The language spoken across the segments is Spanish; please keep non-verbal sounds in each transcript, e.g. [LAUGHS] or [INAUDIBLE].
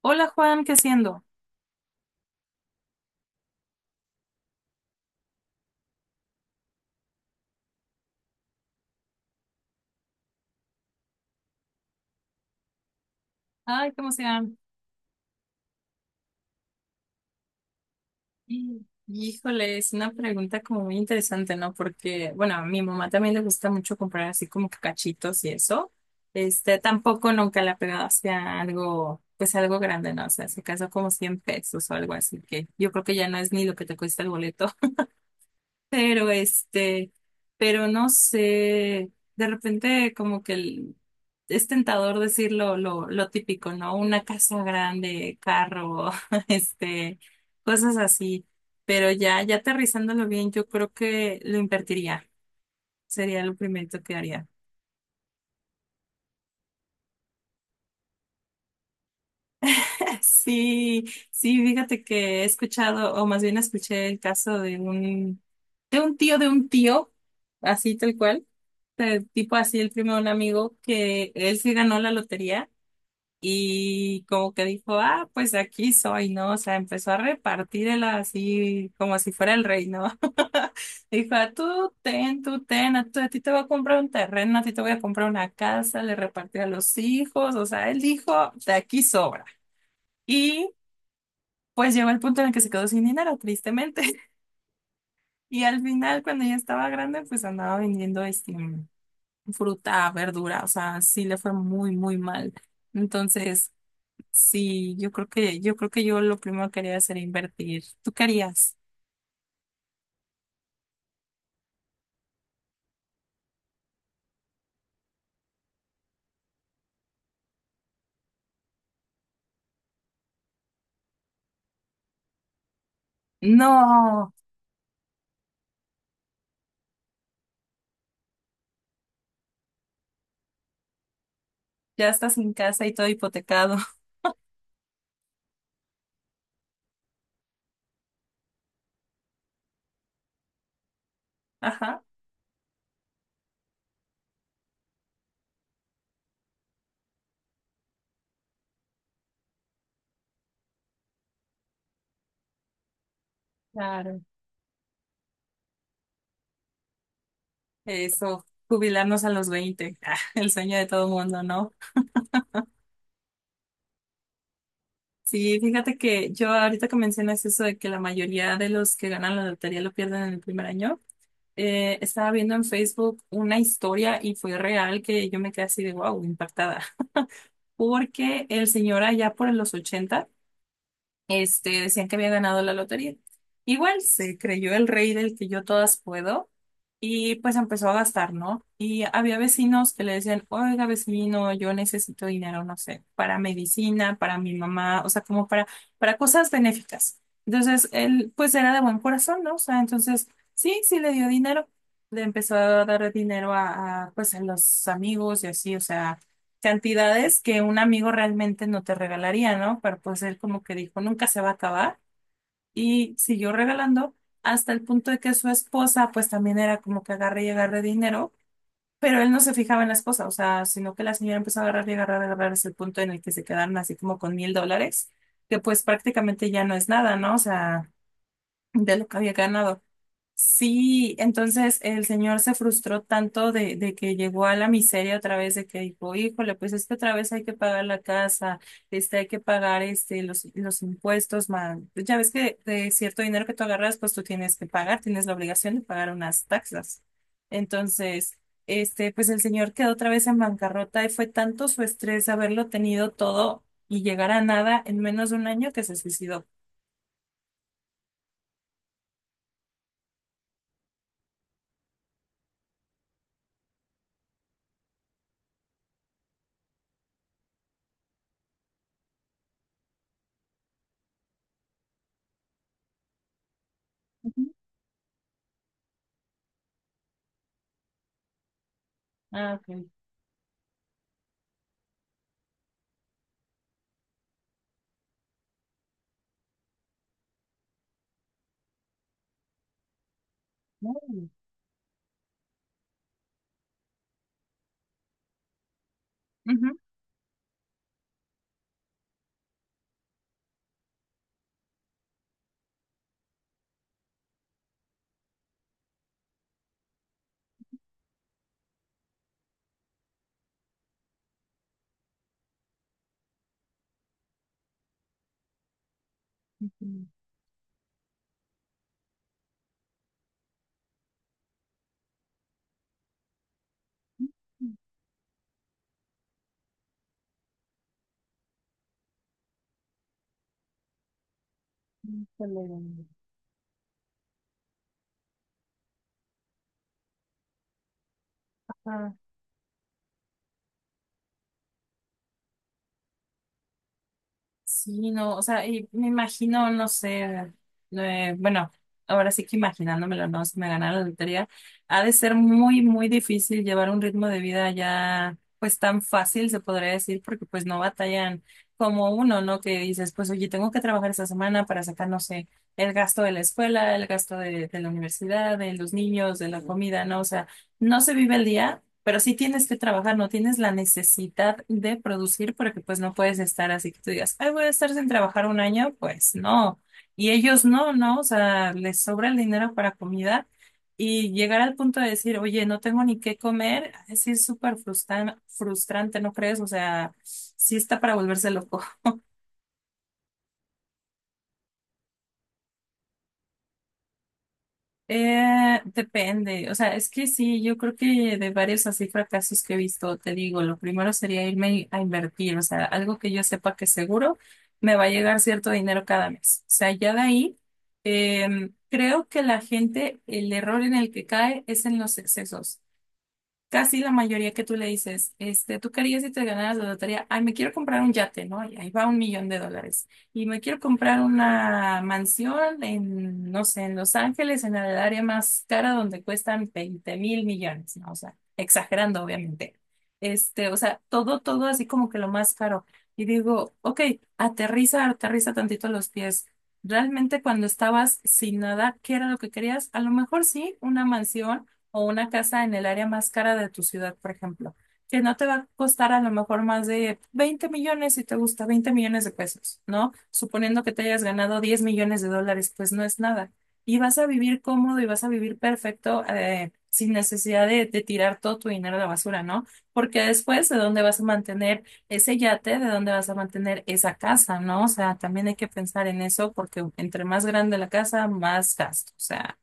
Hola Juan, ¿qué haciendo? Ay, ¿cómo se llama? Híjole, es una pregunta como muy interesante, ¿no? Porque, bueno, a mi mamá también le gusta mucho comprar así como que cachitos y eso. Tampoco nunca le ha pegado hacia algo, pues algo grande, ¿no? O sea, se casó como 100 pesos o algo así, que yo creo que ya no es ni lo que te cuesta el boleto. Pero pero no sé, de repente como que el- es tentador decir lo típico, ¿no? Una casa grande, carro, [LAUGHS] este, cosas así, pero ya, ya aterrizándolo bien, yo creo que lo invertiría, sería lo primero que haría. [LAUGHS] Sí, sí, fíjate que he escuchado, o más bien escuché el caso de un tío de un tío, así tal cual tipo así el primo de un amigo que él sí ganó la lotería y como que dijo, ah, pues aquí soy, ¿no? O sea, empezó a repartirla así como si fuera el rey, ¿no? [LAUGHS] Dijo, "Ah, tú ten, a ti te voy a comprar un terreno, a ti te voy a comprar una casa, le repartió a los hijos, o sea, él dijo, de aquí sobra. Y pues llegó el punto en el que se quedó sin dinero, tristemente. [LAUGHS] Y al final, cuando ya estaba grande, pues andaba vendiendo fruta, verdura, o sea, sí le fue muy, muy mal. Entonces, sí, yo creo que yo lo primero que haría sería invertir. ¿Tú querías? No, ya estás sin casa y todo hipotecado. [LAUGHS] Ajá, claro. Eso, jubilarnos a los 20, ah, el sueño de todo mundo, ¿no? Sí, fíjate que yo ahorita que mencionas eso de que la mayoría de los que ganan la lotería lo pierden en el primer año, estaba viendo en Facebook una historia y fue real que yo me quedé así de wow, impactada. Porque el señor allá por los 80 decían que había ganado la lotería. Igual se creyó el rey del que yo todas puedo y pues empezó a gastar, ¿no? Y había vecinos que le decían, oiga vecino, yo necesito dinero, no sé, para medicina, para mi mamá, o sea, como para cosas benéficas. Entonces, él pues era de buen corazón, ¿no? O sea, entonces, sí, sí le dio dinero. Le empezó a dar dinero pues a los amigos y así, o sea, cantidades que un amigo realmente no te regalaría, ¿no? Pero pues él como que dijo, nunca se va a acabar y siguió regalando hasta el punto de que su esposa pues también era como que agarre y agarre dinero, pero él no se fijaba en la esposa, o sea, sino que la señora empezó a agarrar y agarrar y agarrar hasta el punto en el que se quedaron así como con mil dólares, que pues prácticamente ya no es nada, ¿no? O sea, de lo que había ganado. Sí, entonces el señor se frustró tanto de que llegó a la miseria otra vez, de que dijo, híjole, pues es que otra vez hay que pagar la casa, este, hay que pagar los impuestos, man. Ya ves que de cierto dinero que tú agarras, pues tú tienes que pagar, tienes la obligación de pagar unas taxas. Entonces, pues el señor quedó otra vez en bancarrota y fue tanto su estrés haberlo tenido todo y llegar a nada en menos de un año que se suicidó. Ujú. Ah, ok. Uy. Ujú. Híjole. Ajá. Sí, no, o sea, y me imagino, no sé, bueno, ahora sí que imaginándomelo, no, si me ganara la lotería, ha de ser muy, muy difícil llevar un ritmo de vida ya, pues tan fácil, se podría decir, porque pues no batallan como uno, ¿no? Que dices, pues oye, tengo que trabajar esta semana para sacar, no sé, el gasto de la escuela, el gasto de la universidad, de los niños, de la comida, ¿no? O sea, no se vive el día. Pero sí tienes que trabajar, no tienes la necesidad de producir porque pues no puedes estar así que tú digas, ay, voy a estar sin trabajar un año, pues no. Y ellos no, no, o sea, les sobra el dinero para comida y llegar al punto de decir, oye, no tengo ni qué comer, así es súper frustrante, ¿no crees? O sea, sí está para volverse loco. Depende, o sea, es que sí, yo creo que de varios así fracasos que he visto, te digo, lo primero sería irme a invertir, o sea, algo que yo sepa que seguro me va a llegar cierto dinero cada mes. O sea, ya de ahí, creo que la gente, el error en el que cae es en los excesos casi la mayoría que tú le dices, ¿tú querías harías si te ganaras la lotería? Ay, me quiero comprar un yate, ¿no? Y ahí va un millón de dólares. Y me quiero comprar una mansión en, no sé, en Los Ángeles, en el área más cara donde cuestan 20,000 millones, ¿no? O sea, exagerando, obviamente. O sea, todo, todo así como que lo más caro. Y digo, ok, aterriza, aterriza tantito los pies. Realmente cuando estabas sin nada, ¿qué era lo que querías? A lo mejor sí, una mansión o una casa en el área más cara de tu ciudad, por ejemplo, que no te va a costar a lo mejor más de 20 millones si te gusta 20 millones de pesos, ¿no? Suponiendo que te hayas ganado 10 millones de dólares, pues no es nada. Y vas a vivir cómodo y vas a vivir perfecto, sin necesidad de tirar todo tu dinero a la basura, ¿no? Porque después, ¿de dónde vas a mantener ese yate? ¿De dónde vas a mantener esa casa, ¿no? O sea, también hay que pensar en eso porque entre más grande la casa, más gasto. O sea,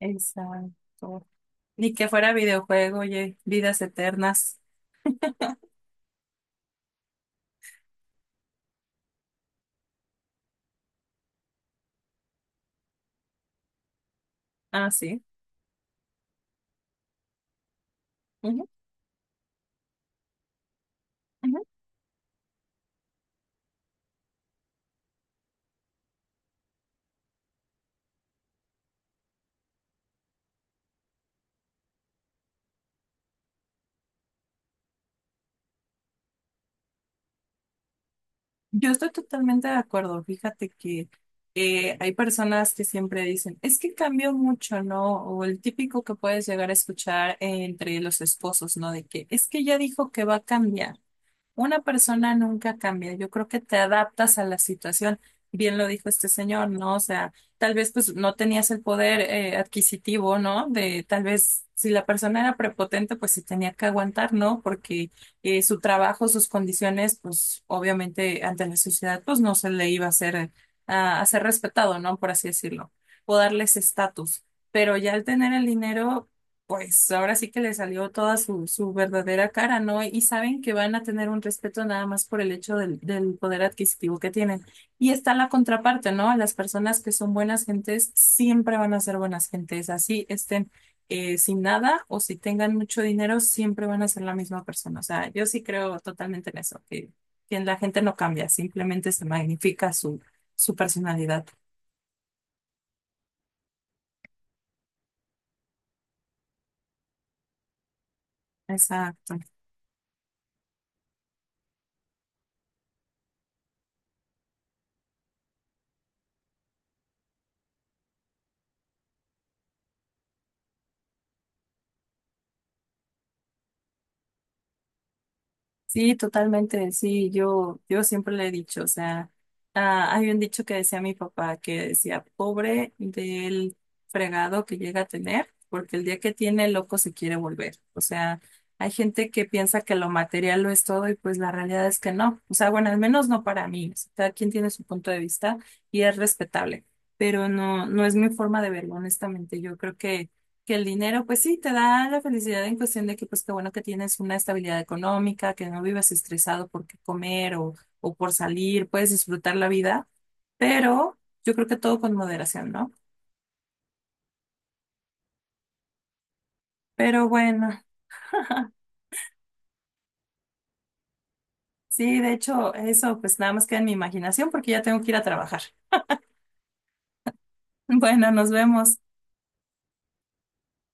exacto. Ni que fuera videojuego, oye, vidas eternas. Ah, sí. Ujú, ujú. Yo estoy totalmente de acuerdo. Fíjate que hay personas que siempre dicen, es que cambió mucho, ¿no? O el típico que puedes llegar a escuchar entre los esposos, ¿no? De que es que ya dijo que va a cambiar. Una persona nunca cambia. Yo creo que te adaptas a la situación. Bien lo dijo este señor, ¿no? O sea, tal vez pues no tenías el poder adquisitivo, ¿no? De tal vez si la persona era prepotente, pues se tenía que aguantar, ¿no? Porque su trabajo, sus condiciones, pues obviamente ante la sociedad, pues no se le iba a hacer, a ser respetado, ¿no? Por así decirlo, o darles estatus. Pero ya al tener el dinero, pues ahora sí que le salió toda su verdadera cara, ¿no? Y saben que van a tener un respeto nada más por el hecho del poder adquisitivo que tienen. Y está la contraparte, ¿no? Las personas que son buenas gentes siempre van a ser buenas gentes, así estén sin nada o si tengan mucho dinero, siempre van a ser la misma persona. O sea, yo sí creo totalmente en eso, que la gente no cambia, simplemente se magnifica su personalidad. Exacto. Sí, totalmente, sí, yo siempre le he dicho, o sea, ah, hay un dicho que decía mi papá, que decía, pobre del fregado que llega a tener, porque el día que tiene loco se quiere volver. O sea, hay gente que piensa que lo material lo es todo y pues la realidad es que no. O sea, bueno, al menos no para mí. O sea, cada quien tiene su punto de vista y es respetable, pero no, no es mi forma de verlo, honestamente. Yo creo que el dinero, pues sí, te da la felicidad en cuestión de que, pues qué bueno que tienes una estabilidad económica, que no vives estresado por qué comer o por salir, puedes disfrutar la vida, pero yo creo que todo con moderación, ¿no? Pero bueno, sí, de hecho, eso pues nada más queda en mi imaginación porque ya tengo que ir a trabajar. [LAUGHS] Bueno, nos vemos.